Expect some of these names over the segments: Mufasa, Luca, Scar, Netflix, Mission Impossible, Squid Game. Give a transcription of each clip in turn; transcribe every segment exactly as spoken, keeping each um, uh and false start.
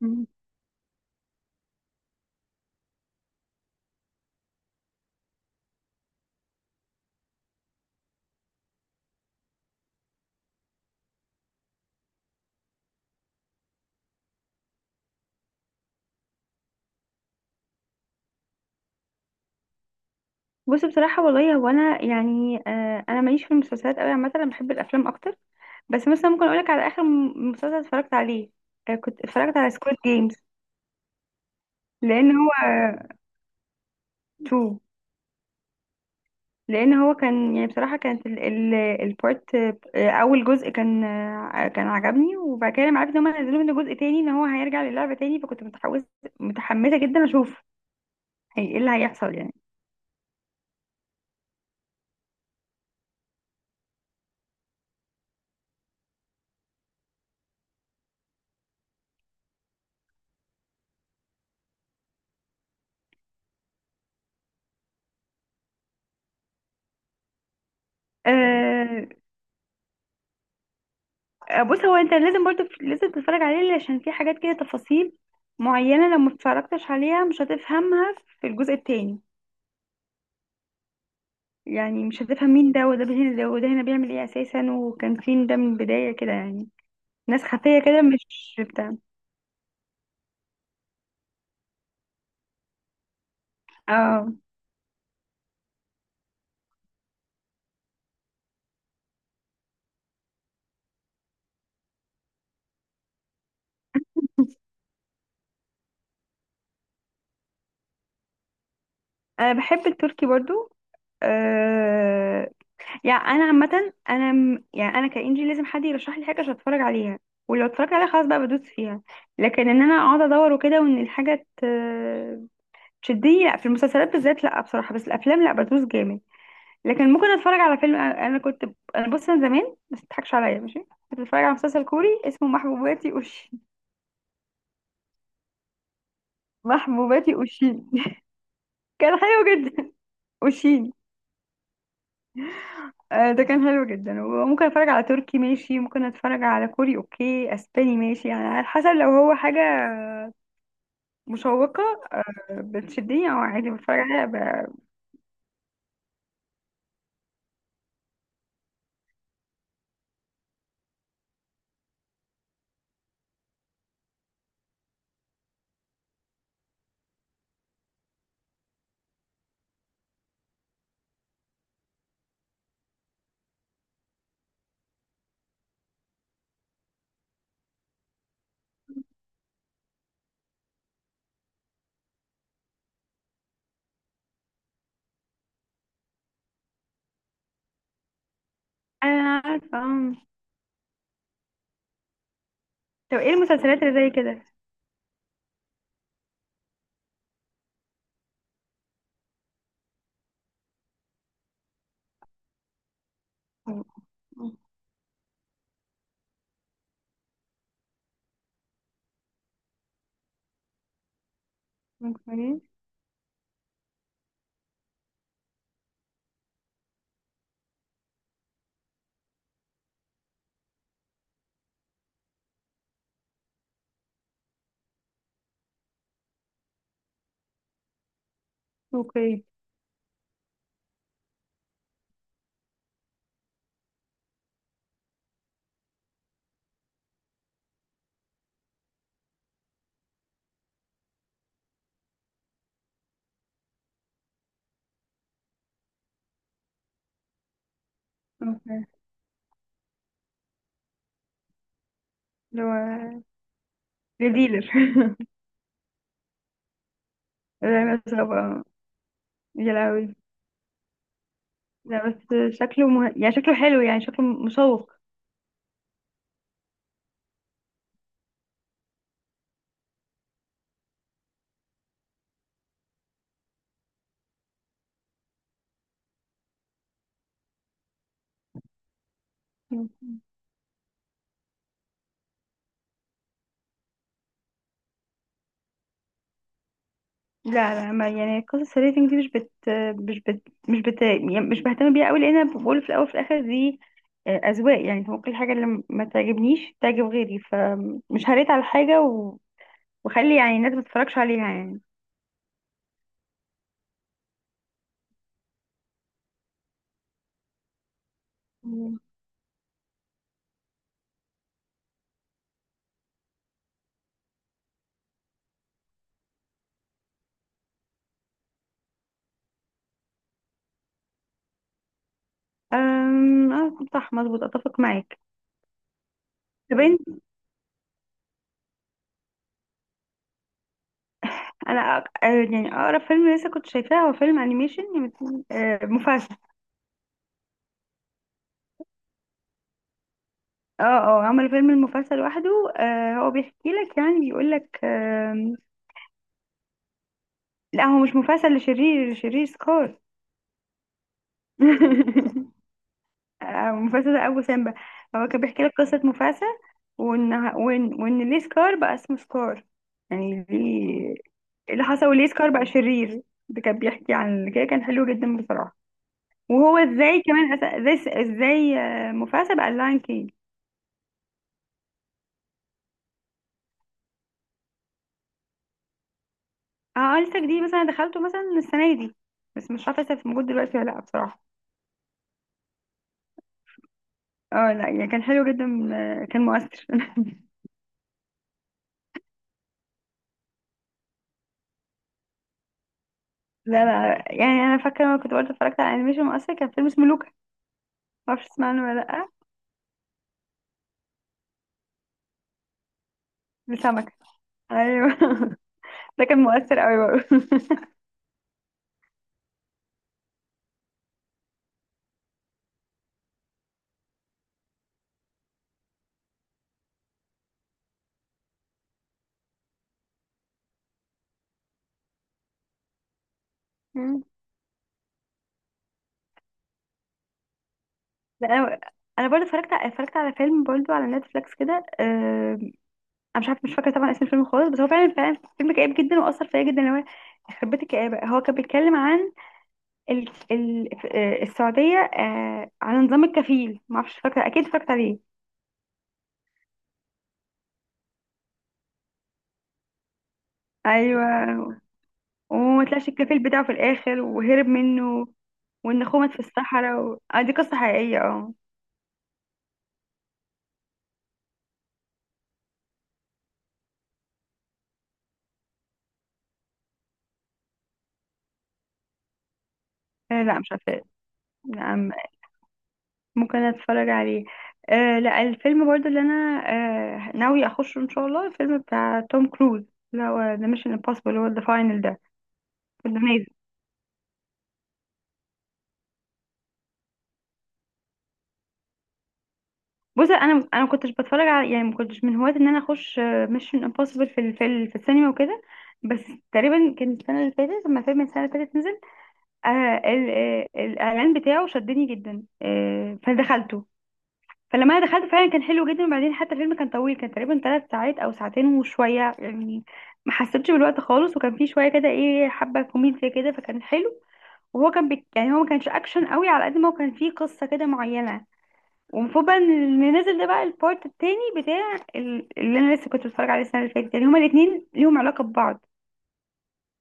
مم. بص، بصراحة والله، هو أنا يعني آه أنا ماليش في المسلسلات أوي. عامة أنا بحب الأفلام أكتر. بس مثلا ممكن أقولك على آخر م- مسلسل اتفرجت عليه. آه كنت اتفرجت على سكويد جيمز. لأن هو تو لأن هو كان، يعني بصراحة كانت ال ال البارت، آه أول جزء، كان آه كان عجبني. وبعد كده لما عرفت إن هما نزلوا منه جزء تاني، إن هو هيرجع للعبة تاني، فكنت متحوس متحمسة جدا أشوف هي إيه اللي هيحصل يعني. آه، آه، بص، هو انت لازم برضو لازم تتفرج عليه، عشان في حاجات كده، تفاصيل معينة، لو ما اتفرجتش عليها مش هتفهمها في الجزء التاني. يعني مش هتفهم مين ده وده هنا، ده وده هنا بيعمل ايه اساسا، وكان فين ده من البداية كده يعني. ناس خفية كده، مش بتاع. اه، انا بحب التركي برضو. آه يعني انا عامة، انا م- يعني انا كإنجي لازم حد يرشح لي حاجة عشان اتفرج عليها. ولو اتفرجت عليها خلاص بقى بدوس فيها. لكن ان انا اقعد ادور وكده، وان الحاجة تشدني، لا في المسلسلات بالذات لا، بصراحه. بس الافلام لا، بدوس جامد. لكن ممكن اتفرج على فيلم. انا أنا كنت انا بص انا زمان، بس متضحكش عليا، ماشي. كنت بتفرج على مسلسل كوري اسمه محبوباتي اوشين، محبوباتي اوشين. كان حلو جدا. اوشين. آه، ده كان حلو جدا. وممكن اتفرج على تركي، ماشي، ممكن اتفرج على كوري، اوكي، اسباني، ماشي. يعني على حسب، لو هو حاجه مشوقه آه، بتشدني، او عادي بتفرج عليها ب... انا عارفه. آه. طب ايه المسلسلات اللي زي كده؟ اوكي، اوكي، اللي هو لديلر. زي مثلا بقى. يا لهوي. لا بس شكله مه... يعني شكله حلو، يعني شكله مشوق. لا لا، ما يعني قصص الريتنج دي مش بت مش بت مش بت يعني مش بهتم بيها قوي، لان انا بقول في الاول وفي الاخر دي آه، اذواق. يعني ممكن الحاجه اللي ما تعجبنيش تعجب غيري، فمش هريت على حاجه و... وخلي يعني الناس ما تتفرجش عليها يعني. مم. أم... آه، صح، مظبوط، اتفق معاك. طب، انا أق... آه، يعني اقرب فيلم لسه كنت شايفاه هو فيلم انيميشن يعني، آه، مفاسا. اه اه، عمل فيلم المفاسا لوحده. آه، هو بيحكي لك، يعني بيقول لك آم، لا، هو مش مفاسا اللي شرير، اللي شرير سكار. آه، مفاسا ده ابو سيمبا. هو كان بيحكي لك قصة مفاسا، وان وان وان ليه سكار بقى اسمه سكار، يعني ليه إيه اللي حصل وليه سكار بقى شرير. ده كان بيحكي عن كده. كان حلو جدا بصراحة. وهو ازاي كمان أس... ازاي ازاي آه، مفاسا بقى اللاين كينج. اه، التك دي مثلا دخلته مثلا السنة دي، بس مش عارفة لسه موجود دلوقتي ولا لأ بصراحة. اه لا، يعني كان حلو جدا. آه، كان مؤثر. لا لا، يعني انا فاكرة، لما كنت برضه اتفرجت على انيميشن مؤثر، كان فيلم اسمه لوكا. معرفش تسمع عنه ولا لأ. لسمكة، ايوه. ده كان مؤثر قوي برضه. مم. لا، انا انا برضه اتفرجت على- اتفرجت على فيلم برضه على نتفليكس كده، آه، انا مش عارفه، مش فاكره طبعا اسم الفيلم خالص، بس هو فعلا فعلا فيلم كئيب جدا، واثر فيا جدا. اللي هو يخرب بيت الكآبه، هو كان بيتكلم عن ال... ال... آه، السعودية، آه على نظام الكفيل. معرفش، فاكرة، أكيد فاكرة ليه. أيوة. وما طلعش الكفيل بتاعه في الآخر، وهرب منه. وإن خمد في الصحراء و... آه دي قصة حقيقية، اه. آه، لا، مش عارفة. نعم، ممكن أتفرج عليه. آه لا، الفيلم برضو اللي أنا آه ناوي أخشه إن شاء الله، الفيلم بتاع توم كروز، اللي هو ذا ميشن امبوسيبل، اللي هو ذا فاينل ده. في، بص، انا انا ما كنتش بتفرج على، يعني ما كنتش من هواة ان انا اخش ميشن امبوسيبل في ال- في ال- في السينما وكده. بس تقريبا كان السنه اللي فاتت، لما فيلم السنه اللي فاتت نزل، آه ال- آه، الاعلان بتاعه شدني جدا، آه فدخلته. فلما انا دخلت فعلا كان حلو جدا، وبعدين حتى الفيلم كان طويل، كان تقريبا ثلاث ساعات او ساعتين وشويه يعني، ما حسيتش بالوقت خالص، وكان فيه شويه كده، ايه، حبه كوميديا كده، فكان حلو. وهو كان بي... يعني هو ما كانش اكشن قوي على قد ما هو كان فيه قصه كده معينه. ومفروض بقى ان ننزل ده، بقى البارت التاني بتاع ال- اللي انا لسه كنت بتفرج عليه السنه اللي فاتت، يعني هما الاثنين ليهم علاقه ببعض.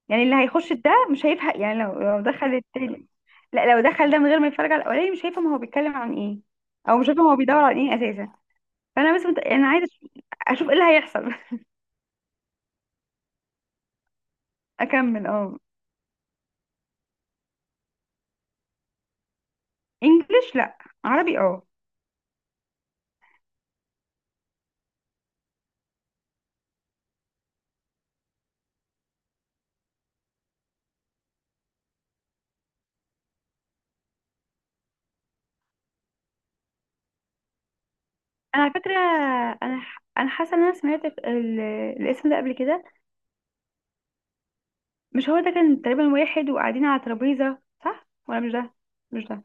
يعني اللي هيخش ده مش هيفهم يعني، لو لو دخل التاني، لا، لو دخل ده من غير ما يتفرج على الاولاني مش هيفهم هو بيتكلم عن ايه، او مش هيفهم هو بيدور على ايه اساسا. فانا بس مت... انا عايزه أش- اشوف ايه اللي هيحصل. اكمل، اه. انجلش لا، عربي، اه. انا على فكره، انا ح- انا حاسه ان انا سمعت ال- الاسم ده قبل كده. مش هو ده كان تقريبا واحد وقاعدين على ترابيزه؟ صح ولا مش ده؟ مش ده.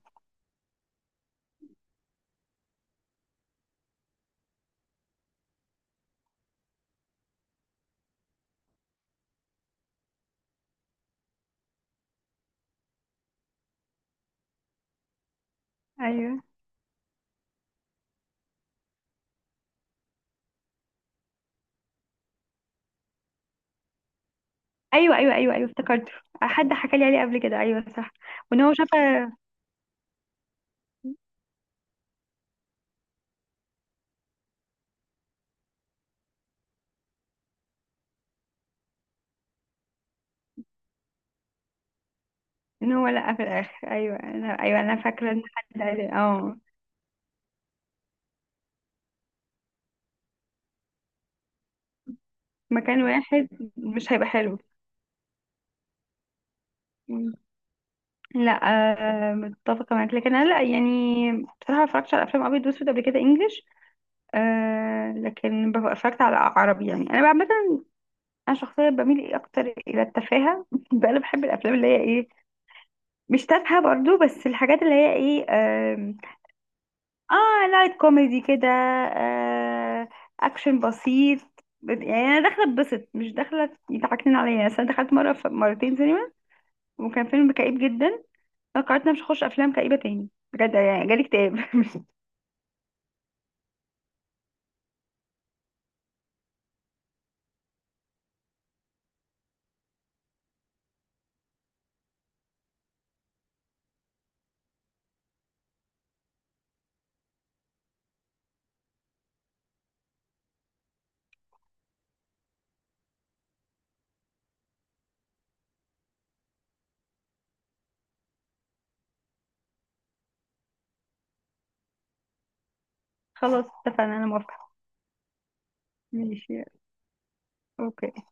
ايوه ايوه ايوه ايوه ايوه، افتكرته. حد حكى لي عليه قبل كده، ايوه صح. وان هو شاف، ان هو لقى في الاخر، ايوه انا، ايوه انا فاكره ان حد قال لي، اه. مكان واحد مش هيبقى حلو. مم. لا، آه، متفقه معاك، لكن انا لا يعني، بصراحه ما اتفرجتش على افلام ابيض واسود قبل كده انجلش. آه لكن بف- اتفرجت على عربي، يعني انا بقى مثلا، انا شخصيا بميل إيه اكتر الى التفاهه. بقى انا بحب الافلام اللي هي ايه، مش تافهه برضو، بس الحاجات اللي هي ايه، اه، لايت كوميدي كده، آه اكشن بسيط. بت- يعني انا داخله اتبسط، مش داخله يضحكنين عليا، بس انا دخلت مره ف... مرتين سينما وكان فيلم كئيب جدا. انا قررت إن أنا مش هخش افلام كئيبه تاني بجد، يعني جالي اكتئاب. خلاص، اتفقنا، انا موافقه. ماشي، اوكي